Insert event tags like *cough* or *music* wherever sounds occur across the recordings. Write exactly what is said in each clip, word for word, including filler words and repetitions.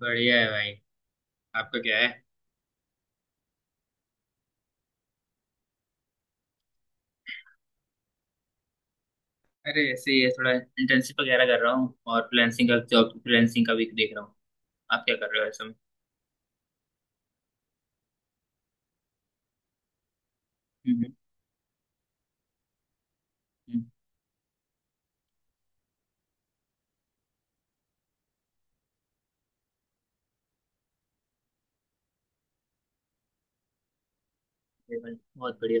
बढ़िया है भाई। आपका क्या है? अरे, ऐसे ही है, थोड़ा इंटर्नशिप वगैरह कर रहा हूँ और फ्रीलांसिंग का जॉब फ्रीलांसिंग का भी देख रहा हूँ। आप क्या कर रहे हो ऐसे में? हम्म। हम्म। अरे भाई, बहुत बढ़िया।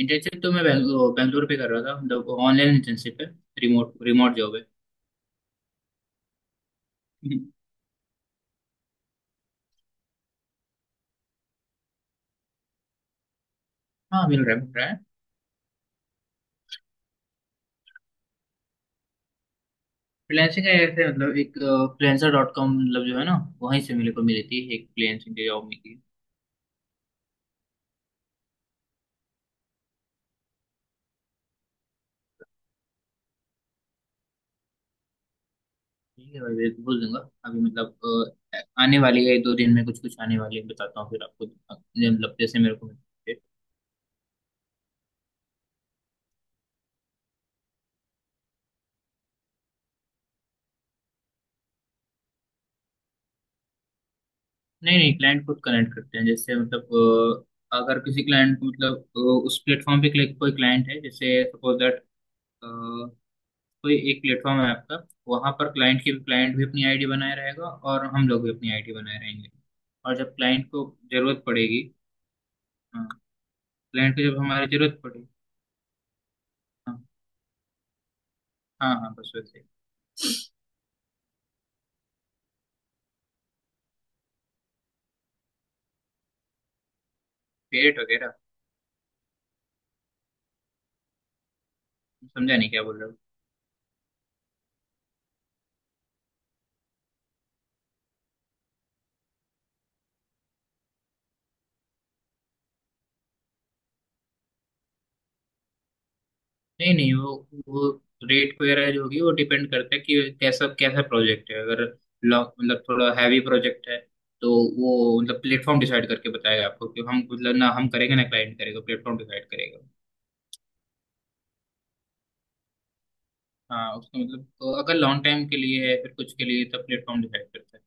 इंटर्नशिप तो मैं बैंगलोर बैंगलोर पे कर रहा था, मतलब ऑनलाइन इंटर्नशिप है। रिमोट रिमोट जॉब है। हम्म। हाँ, मिल रहा है, मिल रहा है। फ्रीलांसिंग का ऐसे, मतलब एक फ्रीलांसर डॉट कॉम, मतलब जो है ना, वहीं से मेरे को मिली थी, एक फ्रीलांसिंग की जॉब मिली थी। ठीक है भाई, मैं बोल दूंगा। अभी मतलब अ, आने वाली है, दो दिन में कुछ कुछ आने वाली है, बताता हूँ फिर आपको अ, मतलब जैसे मेरे को मिले। नहीं नहीं, क्लाइंट खुद कनेक्ट करते हैं, जैसे मतलब अ, अगर किसी क्लाइंट को, मतलब अ, उस प्लेटफॉर्म पे क्लिक- कोई क्लाइंट है, जैसे सपोज दैट, कोई एक प्लेटफॉर्म है आपका, वहां पर क्लाइंट की क्लाइंट भी अपनी आईडी बनाए रहेगा और हम लोग भी अपनी आईडी बनाए रहेंगे, और जब क्लाइंट को जरूरत पड़ेगी। हाँ। क्लाइंट को जब हमारी जरूरत पड़ेगी, हाँ, हाँ हाँ, बस वैसे। पेरेट वगैरह, समझा नहीं क्या बोल रहे हो। नहीं नहीं, वो वो रेट वगैरह जो होगी, वो डिपेंड करता है कि कैसा कैसा प्रोजेक्ट है। अगर लॉ- मतलब थोड़ा हैवी प्रोजेक्ट है, तो वो, मतलब प्लेटफॉर्म डिसाइड करके बताएगा आपको, कि हम, मतलब ना हम करेंगे ना क्लाइंट करेगा, प्लेटफॉर्म डिसाइड करेगा। हाँ, उसका मतलब, तो अगर लॉन्ग टाइम के लिए है, फिर कुछ के लिए, तब प्लेटफॉर्म डिसाइड करता है।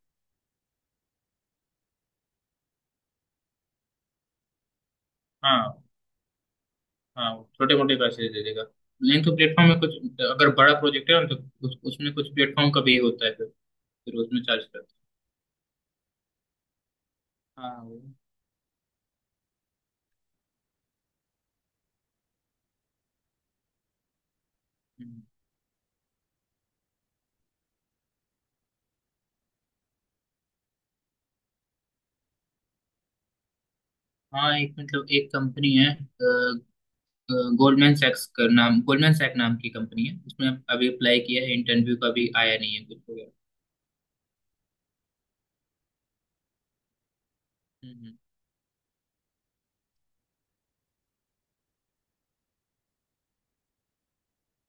हाँ, हाँ, छोटे मोटे पैसे दे देगा, नहीं तो प्लेटफॉर्म में कुछ, अगर बड़ा प्रोजेक्ट है ना, तो उस, उसमें कुछ प्लेटफॉर्म का भी होता है, फिर फिर उसमें चार्ज करता है। हाँ। वो- हम्म। हाँ, एक, मतलब एक कंपनी है, गोल्डमैन सैक्स का नाम गोल्डमैन सैक नाम की कंपनी है, उसमें अभी अप्लाई किया है, इंटरव्यू का भी आया नहीं है कुछ वगैरह। हम्म।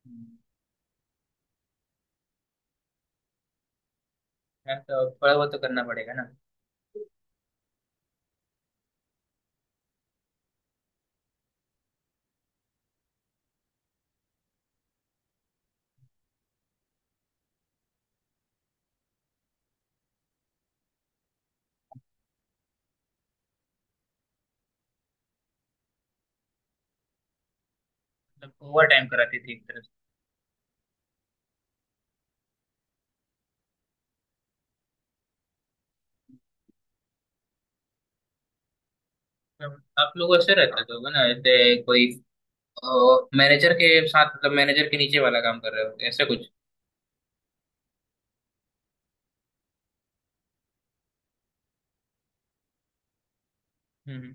हम्म। हाँ, तो थोड़ा बहुत तो करना पड़ेगा ना, मतलब ओवर टाइम कराती थी एक तरह से। तो आप लोग ऐसे रहते तो होगा ना, ऐसे कोई मैनेजर के साथ, मतलब मैनेजर के नीचे वाला काम कर रहे हो, ऐसा कुछ? हम्म।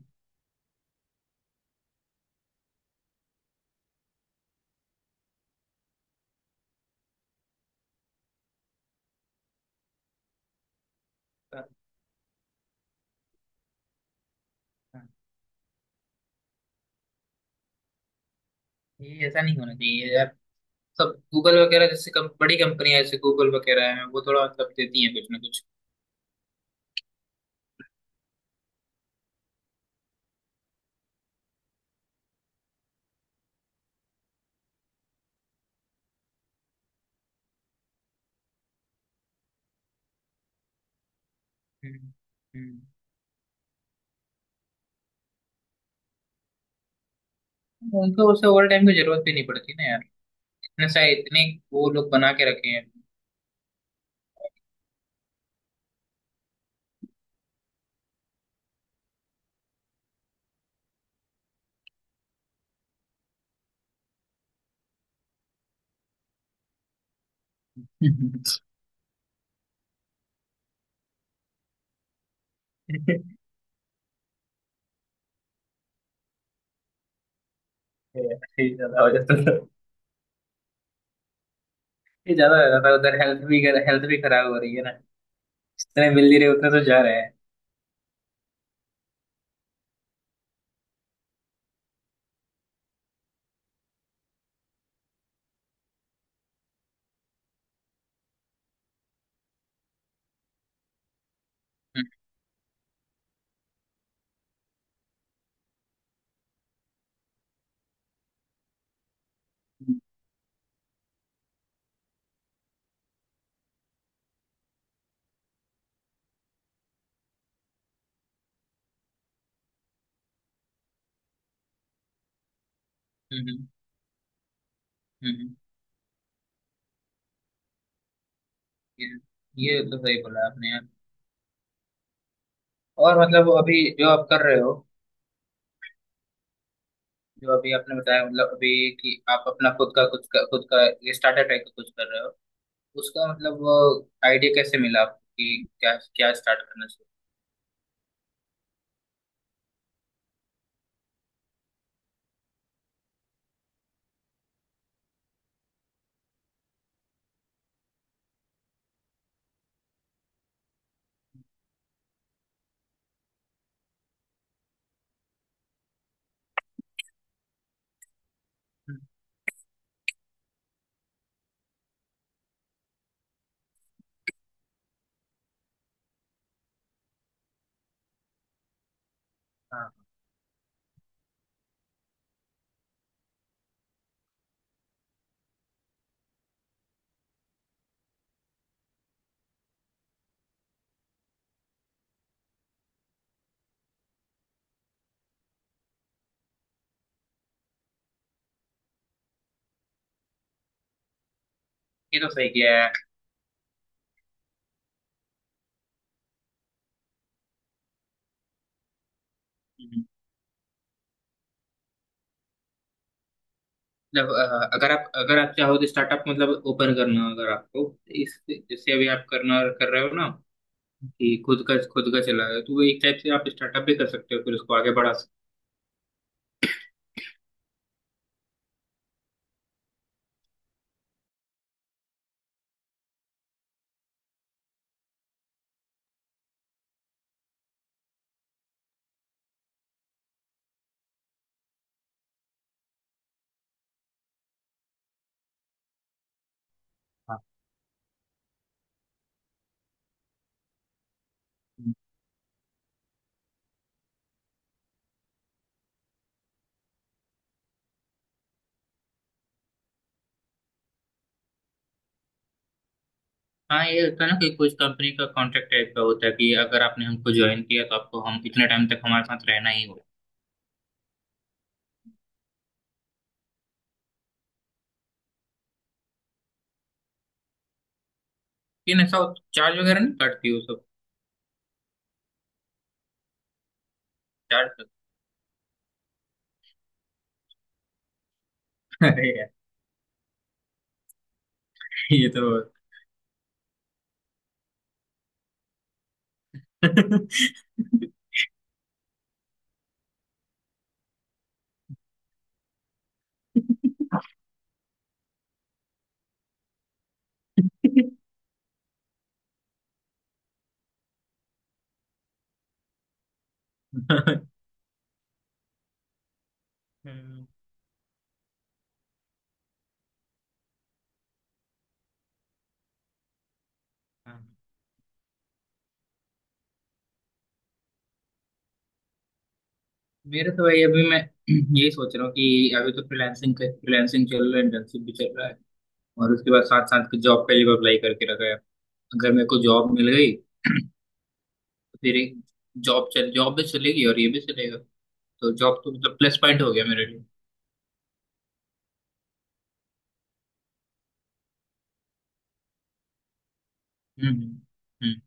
हाँ, हाँ। ये ऐसा नहीं होना चाहिए यार। सब गूगल वगैरह जैसे कम, बड़ी कंपनियां, जैसे गूगल वगैरह है, वो थोड़ा मतलब देती हैं कुछ ना कुछ। हम्म। हम्म। उनको उसे ओवर टाइम की जरूरत भी नहीं पड़ती ना यार, ऐसा इतने वो लोग बना के रखे हैं। ये ज्यादा हो जाता था। ये ज्यादा हो जाता था उधर, हेल्थ भी हेल्थ भी खराब हो रही है ना, जितने मिल नहीं रहे उतने तो जा रहे हैं। हम्म। हम्म। हम्म। हम्म। ये ये तो सही बोला आपने यार। और मतलब, अभी जो आप कर रहे हो, जो अभी आपने बताया, मतलब अभी कि आप अपना खुद का कुछ का, खुद का स्टार्टर टाइप का कुछ कर रहे हो, उसका मतलब आइडिया कैसे मिला आपको, कि क्या क्या स्टार्ट करना चाहिए? हम्म। हाँ, ये तो सही किया है। मतलब अ, अगर आप अगर आप चाहो तो स्टार्टअप, मतलब ओपन करना, अगर आपको, तो इस जैसे अभी आप करना कर रहे हो ना, कि खुद का खुद का चला रहे हो, तो वो एक टाइप से आप स्टार्टअप भी कर सकते हो, फिर उसको आगे बढ़ा सकते। हाँ। हो। हाँ, हाँ, ये होता है ना कि कुछ कंपनी का कॉन्ट्रैक्ट टाइप का होता है, कि अगर आपने हमको ज्वाइन किया, तो आपको हम इतने टाइम तक हमारे साथ रहना ही होगा। लेकिन ऐसा चार्ज वगैरह नहीं काटती हो सब? चार्ज। *laughs* अरे यार, ये तो। *laughs* हाँ। मेरे तो भाई, अभी मैं *clears throat* यही सोच रहा हूँ कि अभी तो फ्रीलांसिंग का फ्रीलांसिंग चल रहा है, इंटर्नशिप भी चल रहा है, और उसके बाद साथ साथ के जॉब पहले भी अप्लाई करके रखा है। अगर मेरे को जॉब मिल गई *clears throat* तो फिर जॉब चल जॉब भी चलेगी और ये भी चलेगा, तो जॉब तो मतलब प्लस पॉइंट हो गया मेरे लिए। हम्म। हम्म। हम्म।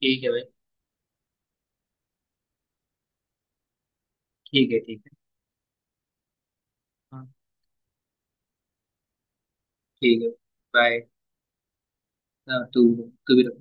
ठीक है भाई। ठीक है। ठीक है। हाँ। ठीक है। बाय। तू तू भी रख।